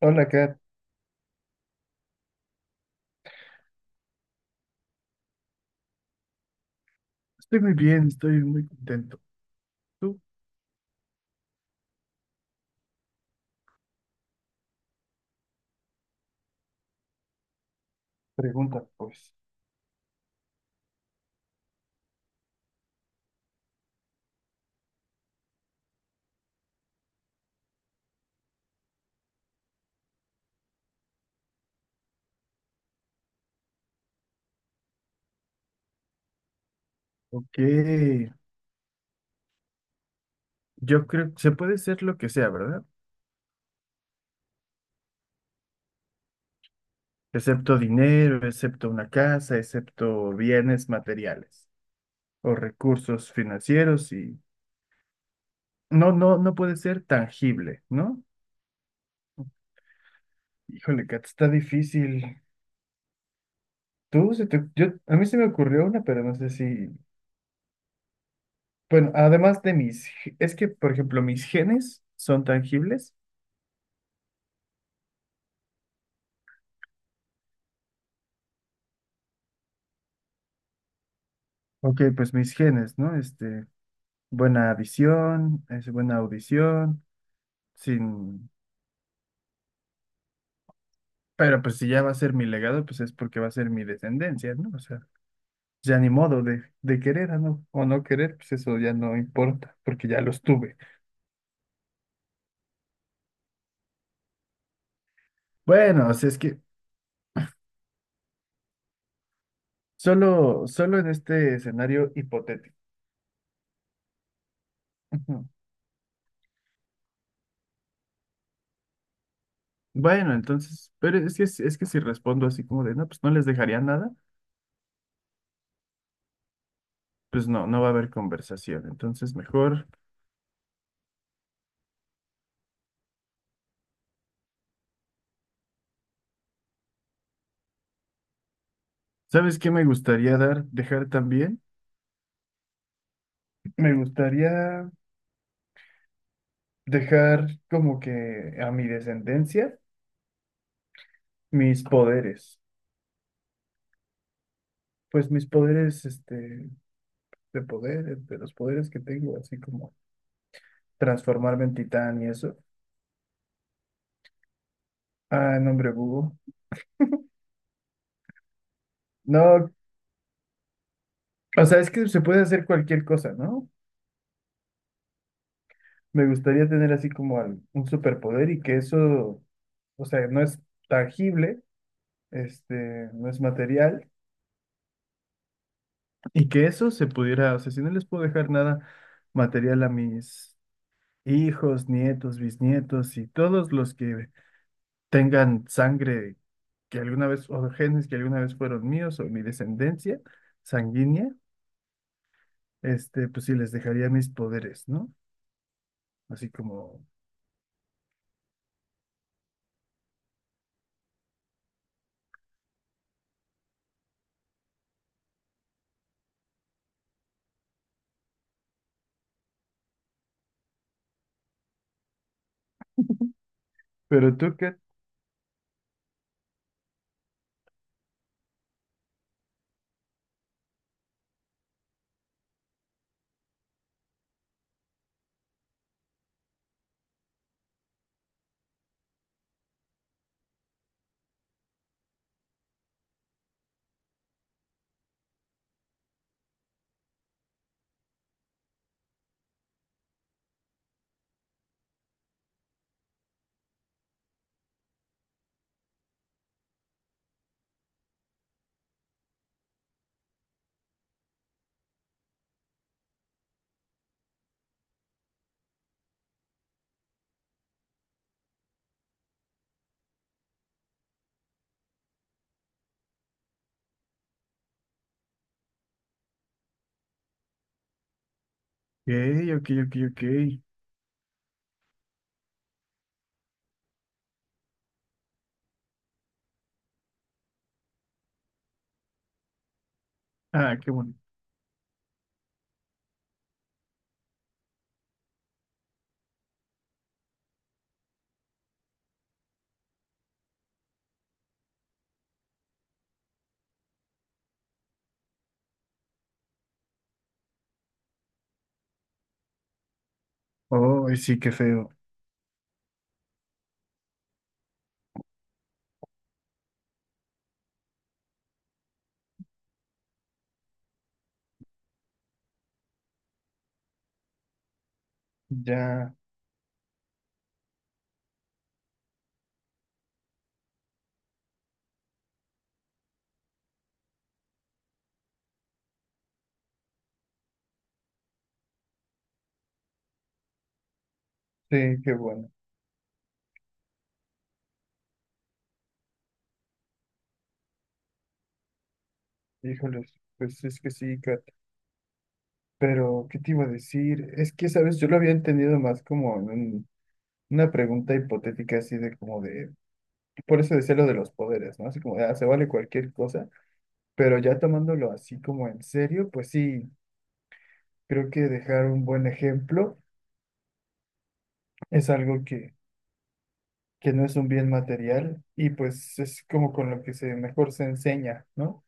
Hola, Kat. Estoy muy bien, estoy muy contento. Tú, pregunta, pues. Ok. Yo creo que se puede ser lo que sea, ¿verdad? Excepto dinero, excepto una casa, excepto bienes materiales o recursos financieros y no, no, no puede ser tangible, ¿no? Híjole, Kat, está difícil. Tú, a mí se me ocurrió una, pero no sé si... Bueno, además de mis... Es que, por ejemplo, mis genes son tangibles. Ok, pues mis genes, ¿no? Buena visión, es buena audición, sin... Pero pues si ya va a ser mi legado, pues es porque va a ser mi descendencia, ¿no? O sea, ya ni modo de querer o no querer, pues eso ya no importa, porque ya los tuve. Bueno, o sea, es que solo en este escenario hipotético. Ujú. Bueno, entonces, pero es que si respondo así como de, no, pues no les dejaría nada, pues no, no va a haber conversación. Entonces, mejor, ¿sabes qué me gustaría dar, dejar también? Me gustaría... dejar como que a mi descendencia mis poderes, pues mis poderes de poder, de los poderes que tengo, así como transformarme en titán y eso. Ah, nombre Hugo. No, o sea, es que se puede hacer cualquier cosa, ¿no? Me gustaría tener así como un superpoder y que eso, o sea, no es tangible, no es material, y que eso se pudiera, o sea, si no les puedo dejar nada material a mis hijos, nietos, bisnietos y todos los que tengan sangre que alguna vez, o genes que alguna vez fueron míos o mi descendencia sanguínea, pues sí les dejaría mis poderes, ¿no? Así como, pero tú qué, ok, ok, ok, ok. Ah, qué bueno. Oh, y sí, qué feo. Ya, sí, qué bueno. Híjoles, pues es que sí, Kat. Pero, ¿qué te iba a decir? Es que, ¿sabes? Yo lo había entendido más como en una pregunta hipotética así de como de... Por eso decía lo de los poderes, ¿no? Así como, ah, se vale cualquier cosa, pero ya tomándolo así como en serio, pues sí, creo que dejar un buen ejemplo es algo que no es un bien material y pues es como con lo que se mejor se enseña, ¿no?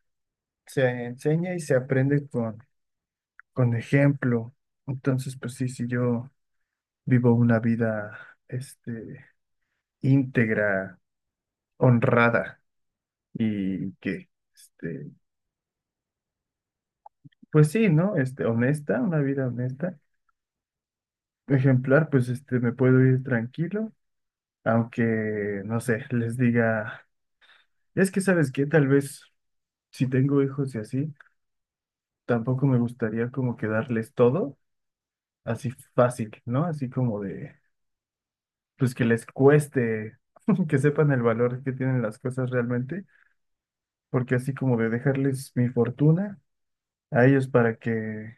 Se enseña y se aprende con ejemplo. Entonces, pues sí, si yo vivo una vida, este, íntegra, honrada y que, este, pues sí, ¿no? Honesta, una vida honesta ejemplar, pues me puedo ir tranquilo, aunque, no sé, les diga, es que sabes que tal vez si tengo hijos y así, tampoco me gustaría como que darles todo así fácil, ¿no? Así como de, pues que les cueste, que sepan el valor que tienen las cosas realmente, porque así como de dejarles mi fortuna a ellos para que,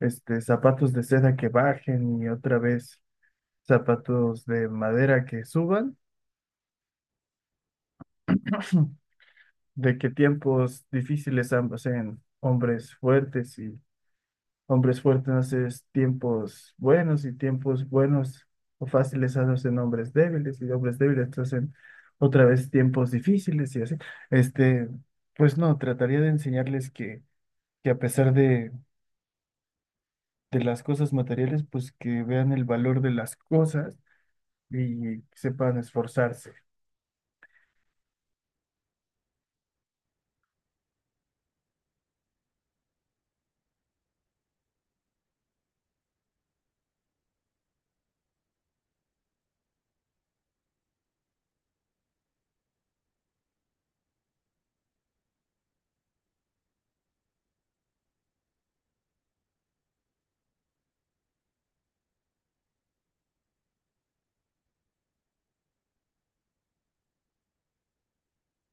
zapatos de seda que bajen y otra vez zapatos de madera que suban. De que tiempos difíciles hacen hombres fuertes y hombres fuertes hacen tiempos buenos y tiempos buenos o fáciles hacen hombres débiles y hombres débiles hacen otra vez tiempos difíciles y así. Este, pues no, trataría de enseñarles que a pesar de las cosas materiales, pues que vean el valor de las cosas y sepan esforzarse.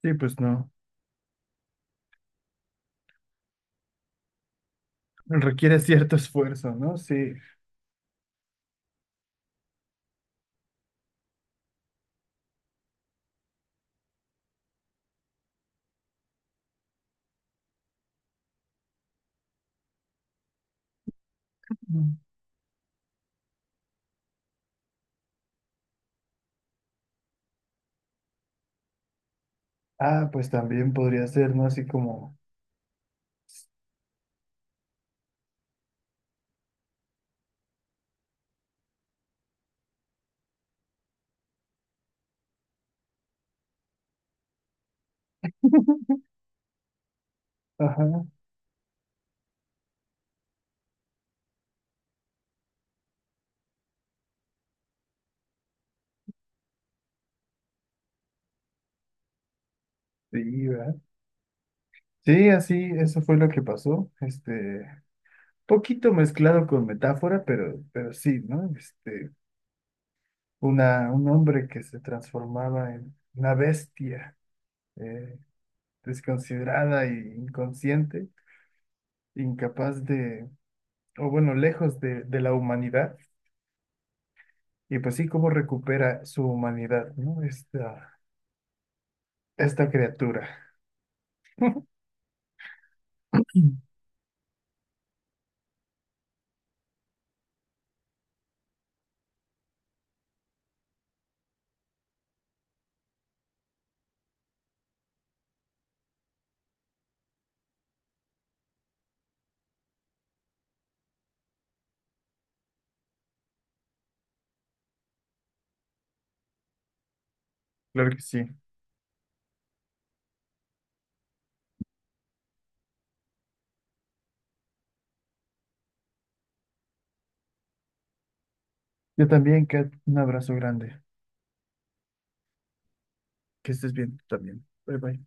Sí, pues no. Requiere cierto esfuerzo, ¿no? Sí. Ah, pues también podría ser, ¿no? Así como, ajá, sí, ¿verdad? Sí, así, eso fue lo que pasó. Poquito mezclado con metáfora, pero sí, ¿no? Una, un hombre que se transformaba en una bestia, eh, desconsiderada e inconsciente, incapaz de, o bueno, lejos de la humanidad. Y pues sí, cómo recupera su humanidad, ¿no? Esta criatura. Claro que sí. Yo también, Kat, un abrazo grande. Que estés bien tú también. Bye bye.